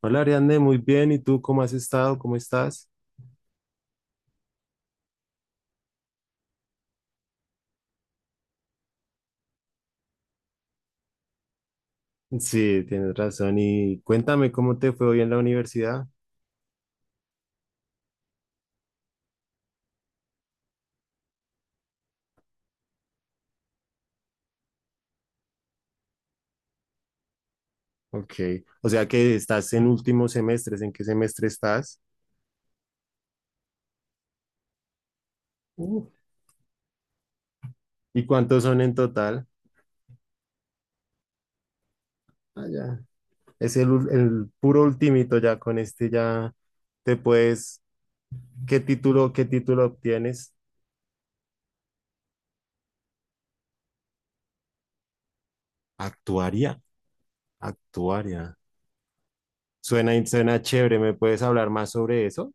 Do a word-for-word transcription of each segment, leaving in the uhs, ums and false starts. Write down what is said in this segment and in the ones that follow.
Hola Ariadne, muy bien. ¿Y tú cómo has estado? ¿Cómo estás? Sí, tienes razón. Y cuéntame cómo te fue hoy en la universidad. Ok. O sea que estás en últimos semestres. ¿En qué semestre estás? Uh. ¿Y cuántos son en total? Ah, ya. Es el, ul- el puro ultimito ya. Con este ya te puedes. ¿Qué título, qué título obtienes? Actuaria. Actuaria. Suena, suena chévere. ¿Me puedes hablar más sobre eso?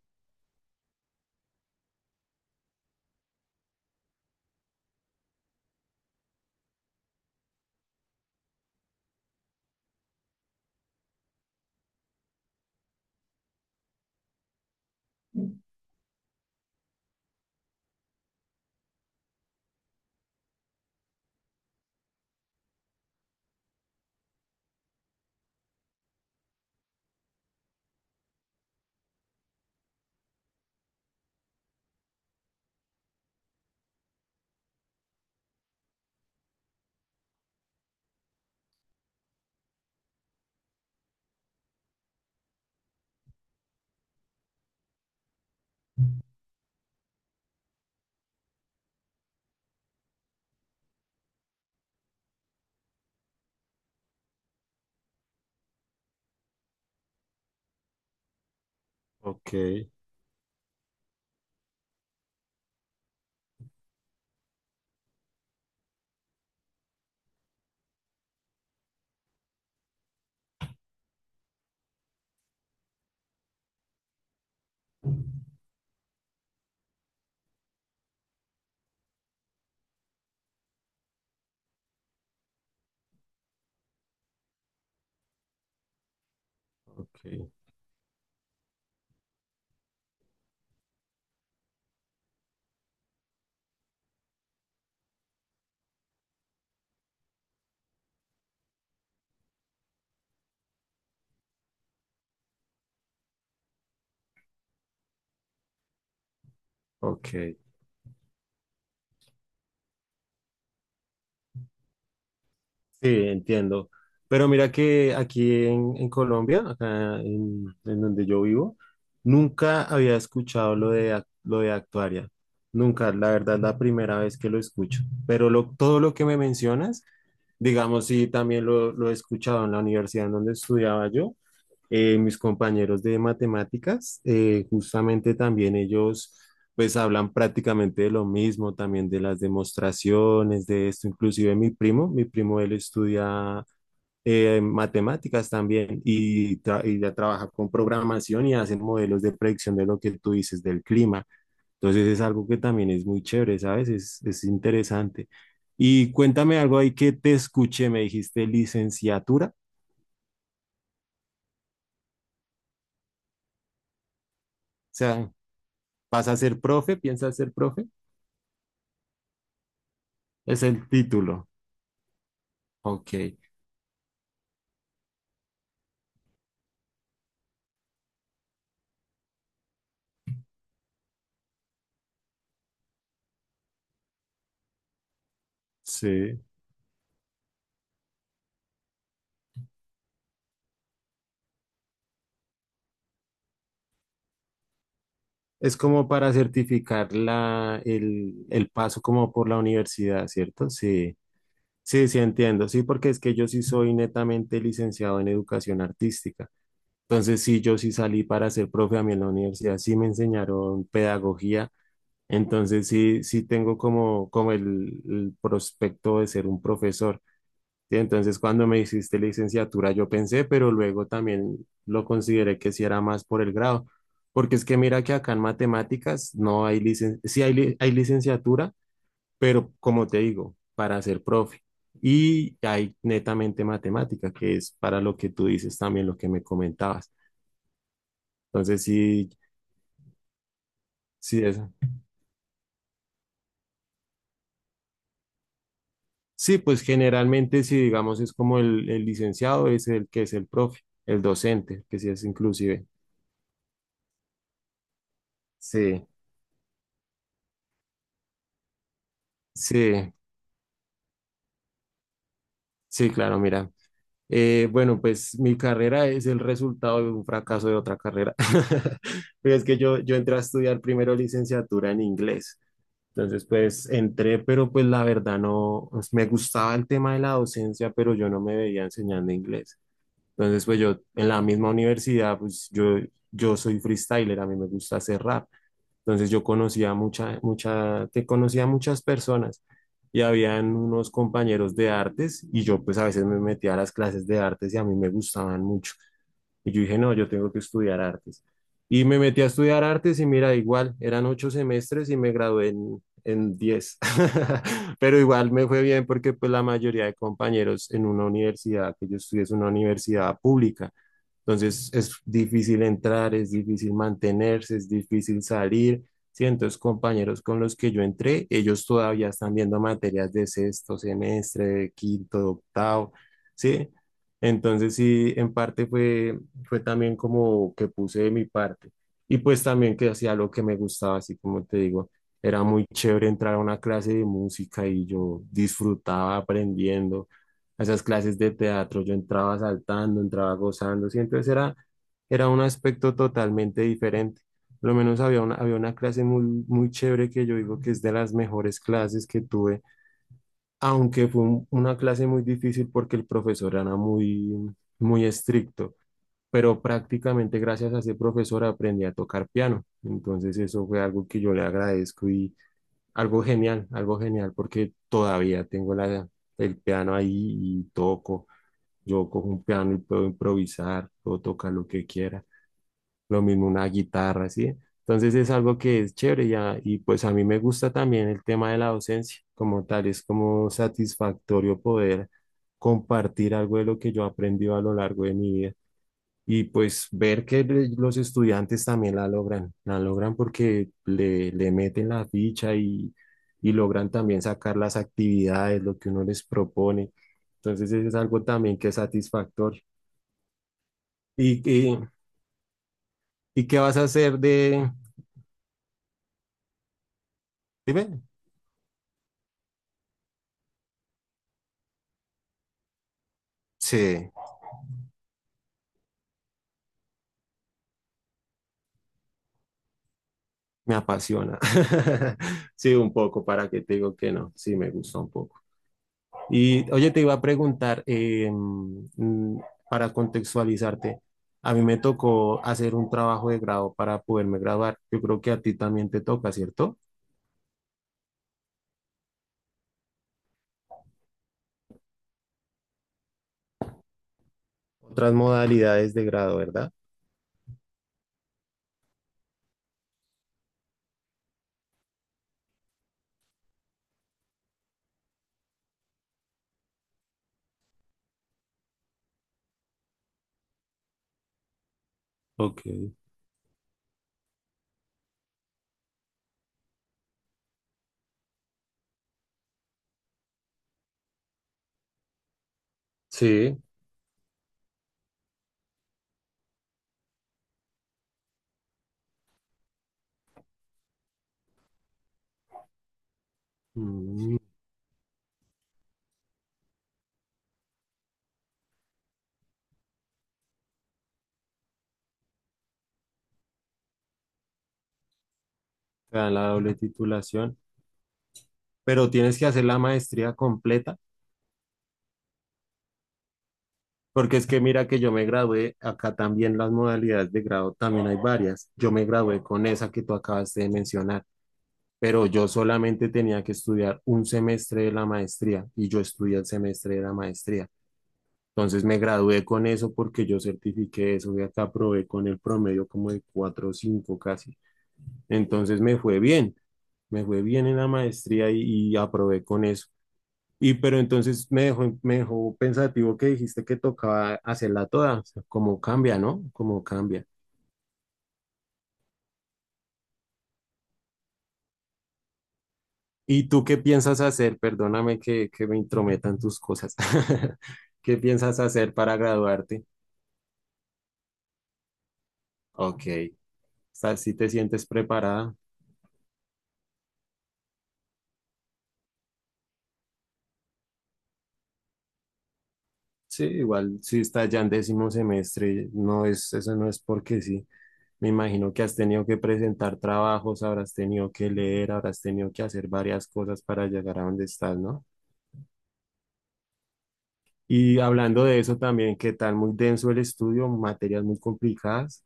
Ok, ok, ok. Sí, entiendo. Pero mira que aquí en, en Colombia, acá en, en donde yo vivo, nunca había escuchado lo de, ac- lo de actuaria. Nunca, la verdad, la primera vez que lo escucho. Pero lo, todo lo que me mencionas, digamos, sí, también lo, lo he escuchado en la universidad en donde estudiaba yo. Eh, mis compañeros de matemáticas, eh, justamente también ellos pues hablan prácticamente de lo mismo, también de las demostraciones, de esto, inclusive mi primo, mi primo él estudia, eh, matemáticas también, y, tra- y ya trabaja con programación y hacen modelos de predicción de lo que tú dices del clima. Entonces es algo que también es muy chévere, ¿sabes? Es, es interesante. Y cuéntame algo ahí que te escuché, me dijiste licenciatura, o sea, ¿vas a ser profe? ¿Piensas ser profe? Es el título. Ok. Sí, es como para certificar la, el, el paso como por la universidad, ¿cierto? Sí, sí, sí entiendo. Sí, porque es que yo sí soy netamente licenciado en educación artística. Entonces, sí, yo sí salí para ser profe. A mí en la universidad sí me enseñaron pedagogía. Entonces, sí, sí tengo como, como, el, el prospecto de ser un profesor. Sí, entonces cuando me hiciste licenciatura yo pensé, pero luego también lo consideré que sí era más por el grado, porque es que mira que acá en matemáticas no hay licenciatura, sí hay, li- hay licenciatura, pero como te digo, para ser profe. Y hay netamente matemática, que es para lo que tú dices también, lo que me comentabas. Entonces sí, sí es. Sí, pues generalmente si digamos es como el, el, licenciado es el que es el profe, el docente, que sí es inclusive. Sí. Sí, sí, claro, mira. Eh, bueno, pues mi carrera es el resultado de un fracaso de otra carrera. Pero es que yo, yo entré a estudiar primero licenciatura en inglés. Entonces, pues entré, pero pues la verdad no, pues, me gustaba el tema de la docencia, pero yo no me veía enseñando inglés. Entonces, pues yo en la misma universidad, pues yo, yo soy freestyler, a mí me gusta hacer rap. Entonces yo conocía mucha, mucha, te conocía muchas personas y habían unos compañeros de artes y yo pues a veces me metía a las clases de artes y a mí me gustaban mucho. Y yo dije, no, yo tengo que estudiar artes. Y me metí a estudiar artes y mira, igual, eran ocho semestres y me gradué en, en, diez. Pero igual me fue bien porque pues la mayoría de compañeros en una universidad, que yo estudié es una universidad pública. Entonces es difícil entrar, es difícil mantenerse, es difícil salir. Sí, entonces compañeros con los que yo entré, ellos todavía están viendo materias de sexto semestre, de quinto, de octavo, ¿sí? Entonces sí, en parte fue, fue, también como que puse de mi parte. Y pues también que hacía lo que me gustaba, así como te digo, era muy chévere entrar a una clase de música y yo disfrutaba aprendiendo a esas clases de teatro. Yo entraba saltando, entraba gozando, sí, entonces era, era un aspecto totalmente diferente. Por lo menos había una, había una clase muy, muy chévere que yo digo que es de las mejores clases que tuve, aunque fue un- una clase muy difícil porque el profesor era muy, muy estricto, pero prácticamente gracias a ese profesor aprendí a tocar piano. Entonces eso fue algo que yo le agradezco y algo genial, algo genial porque todavía tengo la, el piano ahí y toco. Yo cojo un piano y puedo improvisar, puedo tocar lo que quiera. Lo mismo una guitarra, ¿sí? Entonces es algo que es chévere ya. Y pues a mí me gusta también el tema de la docencia como tal. Es como satisfactorio poder compartir algo de lo que yo he aprendido a lo largo de mi vida. Y pues ver que le- los estudiantes también la logran, la logran porque le, le meten la ficha y, y logran también sacar las actividades, lo que uno les propone. Entonces, eso es algo también que es satisfactorio. ¿Y, y, y qué vas a hacer de...? Dime. Sí, me apasiona. Sí, un poco, para que te digo que no. Sí, me gusta un poco. Y oye, te iba a preguntar, eh, mm, para contextualizarte, a mí me tocó hacer un trabajo de grado para poderme graduar. Yo creo que a ti también te toca, ¿cierto? Otras modalidades de grado, ¿verdad? Ok. Sí. Mm, te dan la doble titulación, pero tienes que hacer la maestría completa. Porque es que mira que yo me gradué, acá también las modalidades de grado también hay varias. Yo me gradué con esa que tú acabaste de mencionar, pero yo solamente tenía que estudiar un semestre de la maestría y yo estudié el semestre de la maestría. Entonces me gradué con eso porque yo certifiqué eso y acá aprobé con el promedio como de cuatro o cinco casi. Entonces me fue bien, me fue bien, en la maestría y, y aprobé con eso. Y pero entonces me dejó, me dejó pensativo que dijiste que tocaba hacerla toda, o sea, como cambia, ¿no? Como cambia. ¿Y tú qué piensas hacer? Perdóname que, que me intrometan tus cosas. ¿Qué piensas hacer para graduarte? Ok, ¿estás, si ¿sí te sientes preparada? Sí, igual si estás ya en décimo semestre, no es, eso no es porque sí. Me imagino que has tenido que presentar trabajos, habrás tenido que leer, habrás tenido que hacer varias cosas para llegar a donde estás, ¿no? Y hablando de eso también, ¿qué tal? Muy denso el estudio, materias muy complicadas.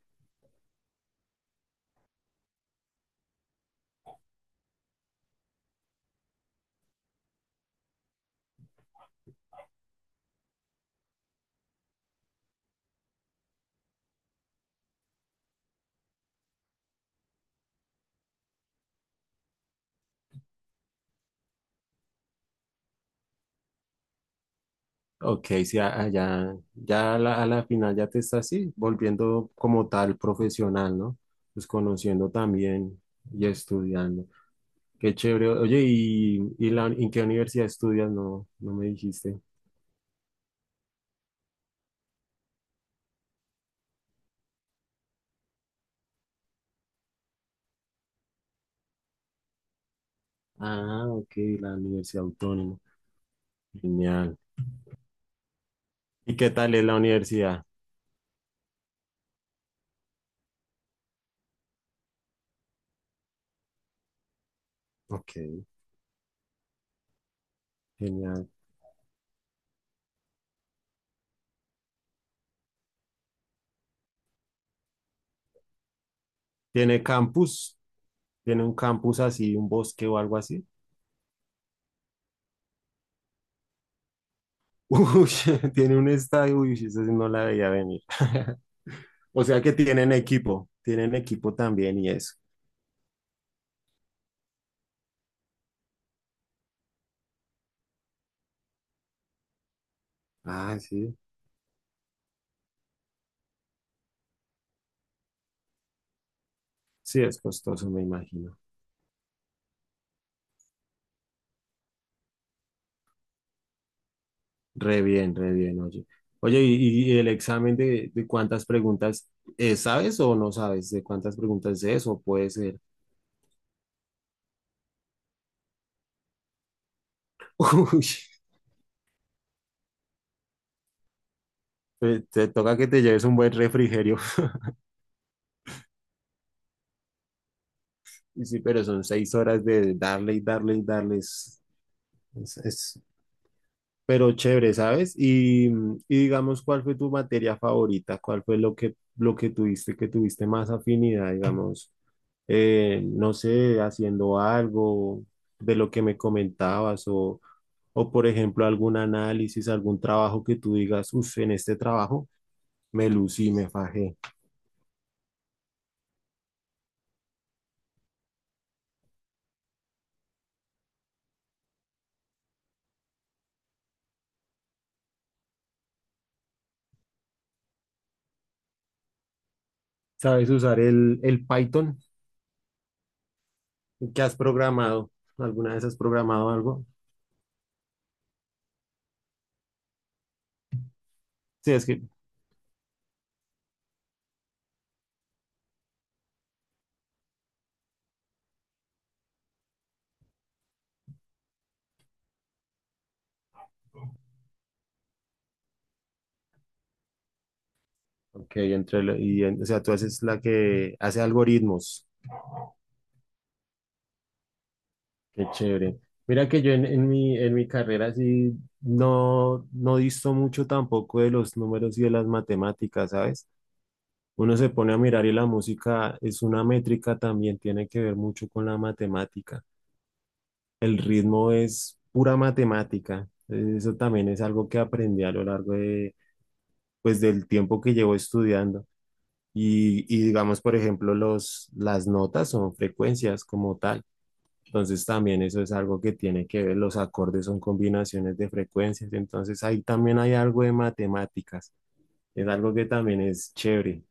Ok, sí, a- a- ya, ya a la, a la, final ya te estás así, volviendo como tal profesional, ¿no? Pues conociendo también y estudiando. Qué chévere. Oye, ¿y, y la, en qué universidad estudias? No, no me dijiste. Ah, ok, la Universidad Autónoma. Genial. ¿Y qué tal es la universidad? Ok, genial. ¿Tiene campus? ¿Tiene un campus así, un bosque o algo así? Uy, tiene un estadio, uy, esa sí no la veía venir. O sea que tienen equipo, tienen equipo, también y eso. Ah, sí, sí, es costoso, me imagino. Re bien, re bien, oye. Oye, ¿y, y el examen de, de cuántas preguntas eh, sabes o no sabes de cuántas preguntas es o puede ser? Uy, te, te toca que te lleves un buen refrigerio. Y sí, pero son seis horas de darle y darle y darles. Pero chévere, ¿sabes? Y, mm, y digamos, ¿cuál fue tu materia favorita? ¿Cuál fue lo que, lo que tuviste, que tuviste más afinidad, digamos? Eh, no sé, haciendo algo de lo que me comentabas o, o, por ejemplo, algún análisis, algún trabajo que tú digas, uff, en este trabajo me lucí, me fajé. ¿Sabes usar el, el Python? ¿Qué has programado? ¿Alguna vez has programado algo? Sí, es que, ok, entre, lo- y, en- o sea, tú haces la que hace algoritmos. Qué chévere. Mira que yo en, en mi, en mi carrera sí no, no disto mucho tampoco de los números y de las matemáticas, ¿sabes? Uno se pone a mirar y la música es una métrica, también tiene que ver mucho con la matemática. El ritmo es pura matemática. Eh, Eso también es algo que aprendí a lo largo de, pues, del tiempo que llevo estudiando. Y, y digamos, por ejemplo, los, las notas son frecuencias como tal. Entonces también eso es algo que tiene que ver, los acordes son combinaciones de frecuencias, entonces ahí también hay algo de matemáticas, es algo que también es chévere.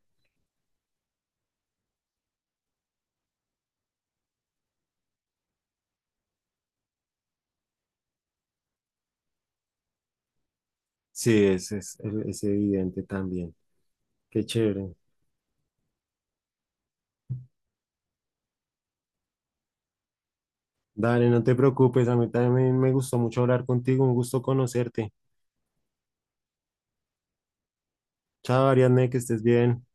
Sí, es, es, es evidente también. Qué chévere. Dale, no te preocupes, a mí también me gustó mucho hablar contigo, un gusto conocerte. Chao, Ariadne, que estés bien.